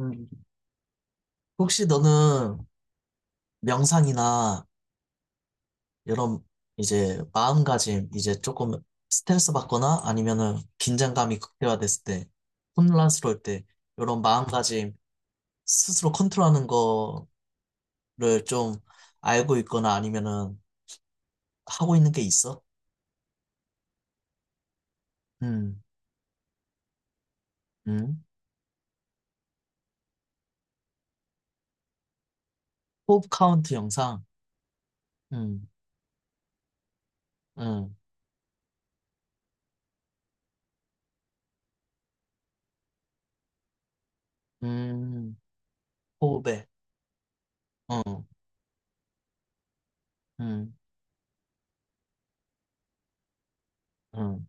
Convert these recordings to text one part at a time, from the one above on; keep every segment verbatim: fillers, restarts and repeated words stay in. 음. 혹시 너는 명상이나 이런 이제 마음가짐 이제 조금 스트레스 받거나 아니면은 긴장감이 극대화됐을 때 혼란스러울 때 이런 마음가짐 스스로 컨트롤하는 거를 좀 알고 있거나 아니면은 하고 있는 게 있어? 음, 음. 호흡 카운트 영상. 음, 음, 음. 호흡에. 어, 음, 음,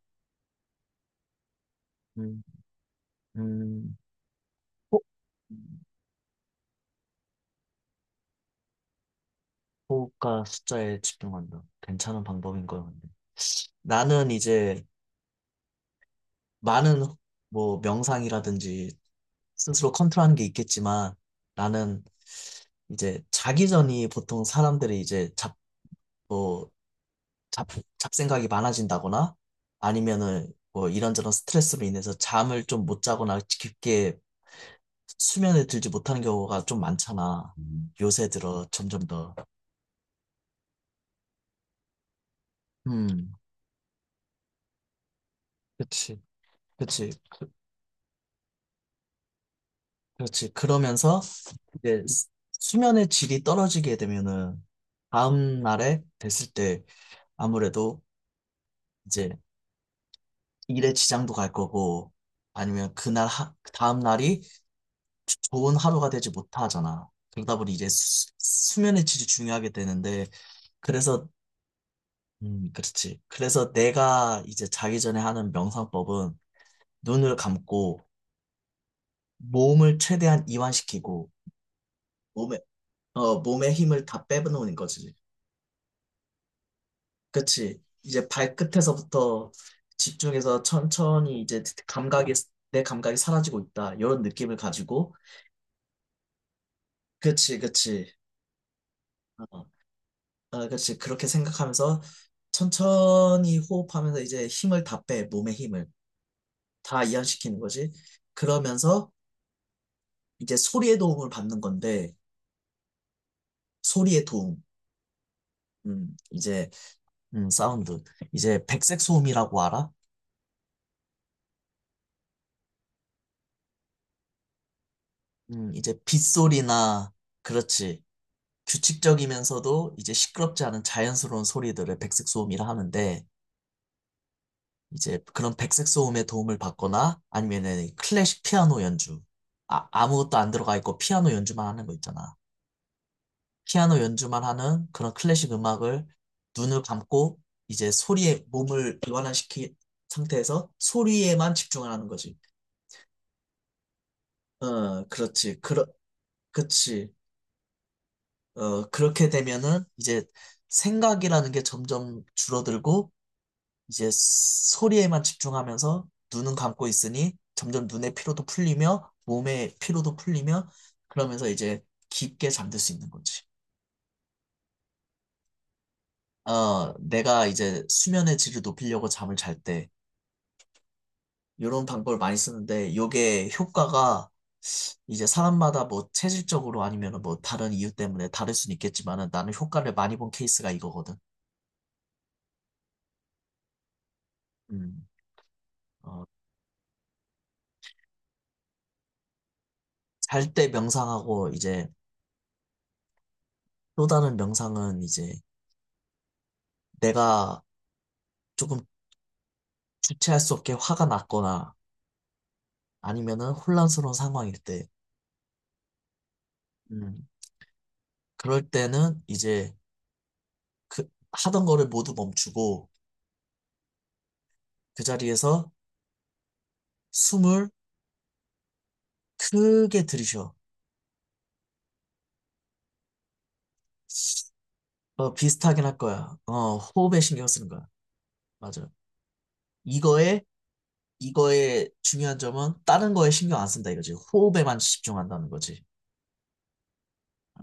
음, 음. 호흡과 숫자에 집중한다. 괜찮은 방법인 거야, 근데. 나는 이제 많은 뭐 명상이라든지 스스로 컨트롤하는 게 있겠지만 나는 이제 자기 전이 보통 사람들이 이제 잡, 뭐, 잡, 잡생각이 많아진다거나 아니면은 뭐 이런저런 스트레스로 인해서 잠을 좀 못 자거나 깊게 수면에 들지 못하는 경우가 좀 많잖아. 음. 요새 들어 점점 더. 음, 그치, 그치. 그렇지. 그러면서 이제 수- 수면의 질이 떨어지게 되면은 다음 날에 됐을 때 아무래도 이제 일에 지장도 갈 거고 아니면 그날 하, 그 다음 날이 조- 좋은 하루가 되지 못하잖아. 그러다 보니 이제 수, 수면의 질이 중요하게 되는데 그래서 음 그렇지. 그래서 내가 이제 자기 전에 하는 명상법은 눈을 감고 몸을 최대한 이완시키고 몸에 어 몸에 힘을 다 빼놓는 거지. 그치. 이제 발끝에서부터 집중해서 천천히 이제 감각이, 내 감각이 사라지고 있다. 이런 느낌을 가지고. 그치, 그치. 어, 어, 그치. 그렇게 생각하면서 천천히 호흡하면서 이제 힘을 다 빼, 몸의 힘을. 다 이완시키는 거지. 그러면서 이제 소리의 도움을 받는 건데, 소리의 도움. 음, 이제, 음, 사운드. 이제 백색 소음이라고 알아? 음, 이제 빗소리나, 그렇지. 규칙적이면서도 이제 시끄럽지 않은 자연스러운 소리들을 백색 소음이라 하는데 이제 그런 백색 소음의 도움을 받거나 아니면은 클래식 피아노 연주 아, 아무것도 안 들어가 있고 피아노 연주만 하는 거 있잖아. 피아노 연주만 하는 그런 클래식 음악을 눈을 감고 이제 소리에 몸을 이완화시킨 상태에서 소리에만 집중을 하는 거지. 어, 그렇지. 그러, 그치. 어, 그렇게 되면은 이제 생각이라는 게 점점 줄어들고 이제 소리에만 집중하면서 눈은 감고 있으니 점점 눈의 피로도 풀리며 몸의 피로도 풀리며 그러면서 이제 깊게 잠들 수 있는 거지. 어, 내가 이제 수면의 질을 높이려고 잠을 잘 때 이런 방법을 많이 쓰는데 요게 효과가 이제 사람마다 뭐 체질적으로 아니면 뭐 다른 이유 때문에 다를 수는 있겠지만은 나는 효과를 많이 본 케이스가 이거거든. 음. 어, 잘 때 명상하고 이제 또 다른 명상은 이제 내가 조금 주체할 수 없게 화가 났거나 아니면은 혼란스러운 상황일 때, 음, 그럴 때는 이제 그 하던 거를 모두 멈추고 그 자리에서 숨을 크게 들이쉬어. 어, 비슷하긴 할 거야. 어, 호흡에 신경 쓰는 거야. 맞아. 이거에, 이거의 중요한 점은 다른 거에 신경 안 쓴다 이거지. 호흡에만 집중한다는 거지.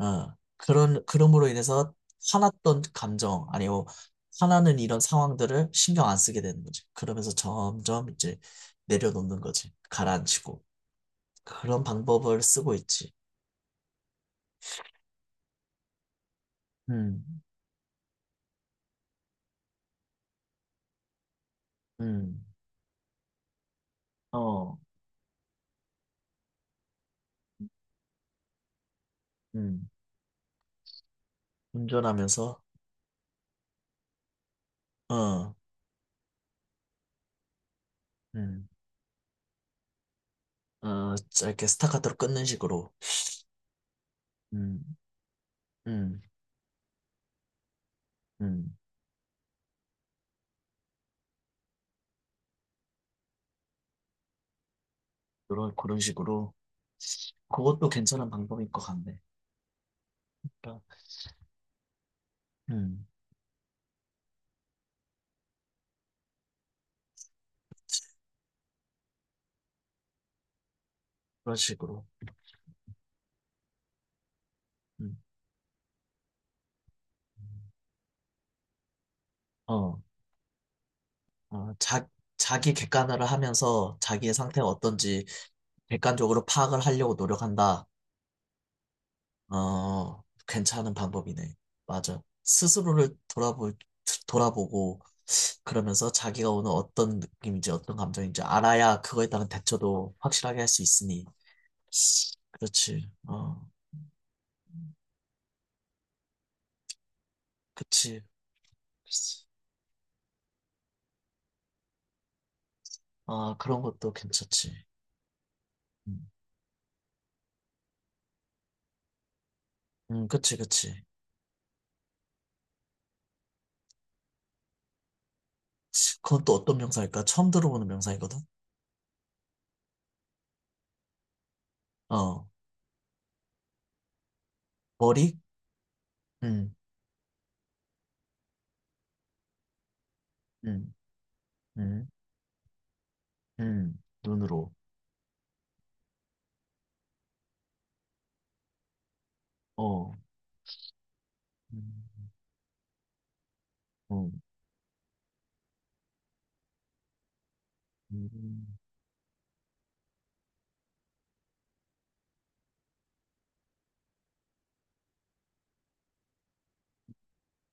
어, 그런, 그럼으로 인해서 화났던 감정, 아니, 뭐, 화나는 이런 상황들을 신경 안 쓰게 되는 거지. 그러면서 점점 이제 내려놓는 거지. 가라앉히고. 그런 방법을 쓰고 있지. 음, 음, 어, 음. 운전하면서, 어, 음, 어, 짧게 스타카토로 끊는 식으로. 음, 음, 음. 그런, 그런 식으로. 그것도 괜찮은 방법일 것 같네. 그러니까, 음, 그런 식으로. 음. 어. 어, 자, 자기 객관화를 하면서 자기의 상태가 어떤지 객관적으로 파악을 하려고 노력한다. 어, 괜찮은 방법이네. 맞아. 스스로를 돌아보, 돌아보고 그러면서 자기가 오늘 어떤 느낌인지 어떤 감정인지 알아야 그거에 따른 대처도 확실하게 할 수 있으니. 그렇지. 어, 그치. 아, 그런 것도 괜찮지. 음, 음, 그치, 그치. 그건 또 어떤 명사일까? 처음 들어보는 명사이거든? 어, 머리? 음, 음. 음, 음, 눈으로. 어, 음, 어, 음,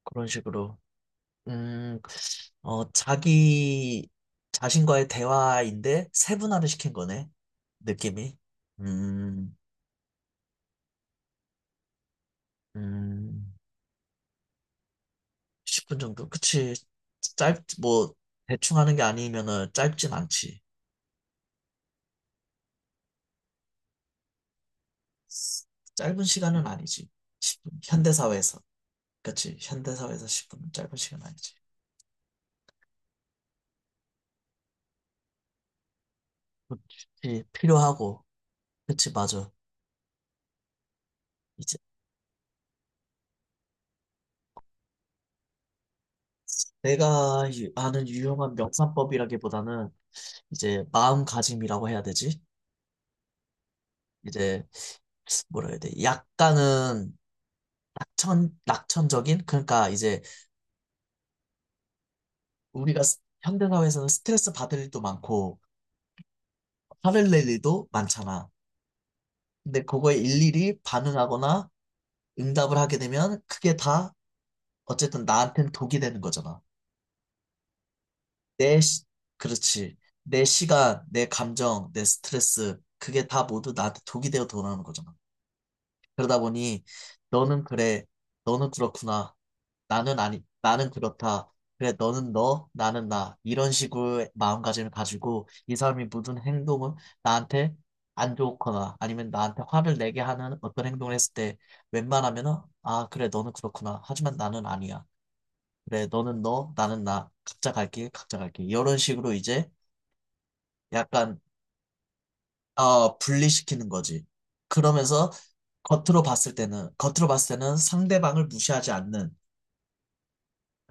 그런 식으로. 음, 어, 자기 자신과의 대화인데 세분화를 시킨 거네. 느낌이. 음, 음, 십 분 정도? 그치. 짧, 뭐, 대충 하는 게 아니면은 짧진 않지. 짧은 시간은 아니지. 십 분 현대사회에서. 그치. 현대사회에서 십 분은 짧은 시간 아니지. 그치. 필요하고. 그치, 맞아. 이제 내가 유- 아는 유용한 명상법이라기보다는 이제 마음가짐이라고 해야 되지? 이제 뭐라 해야 돼? 약간은 낙천, 낙천적인? 그러니까 이제 우리가 스- 현대사회에서는 스트레스 받을 일도 많고 화를 낼 일도 많잖아. 근데 그거에 일일이 반응하거나 응답을 하게 되면 그게 다 어쨌든 나한테는 독이 되는 거잖아. 내, 시- 그렇지. 내 시간, 내 감정, 내 스트레스, 그게 다 모두 나한테 독이 되어 돌아오는 거잖아. 그러다 보니 너는 그래, 너는 그렇구나. 나는 아니, 나는 그렇다. 그래, 너는 너, 나는 나. 이런 식으로 마음가짐을 가지고 이 사람이 무슨 행동을 나한테 안 좋거나 아니면 나한테 화를 내게 하는 어떤 행동을 했을 때 웬만하면은 아, 그래, 너는 그렇구나. 하지만 나는 아니야. 그래, 너는 너, 나는 나. 각자 갈 길, 각자 갈 길. 이런 식으로 이제 약간 어, 분리시키는 거지. 그러면서 겉으로 봤을 때는, 겉으로 봤을 때는 상대방을 무시하지 않는,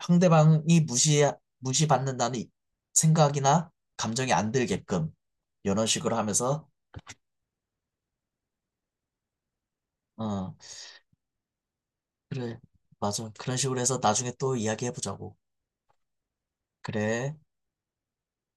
상대방이 무시, 무시받는다는 생각이나 감정이 안 들게끔, 이런 식으로 하면서, 어, 그래, 맞아. 그런 식으로 해서 나중에 또 이야기해보자고. 그래.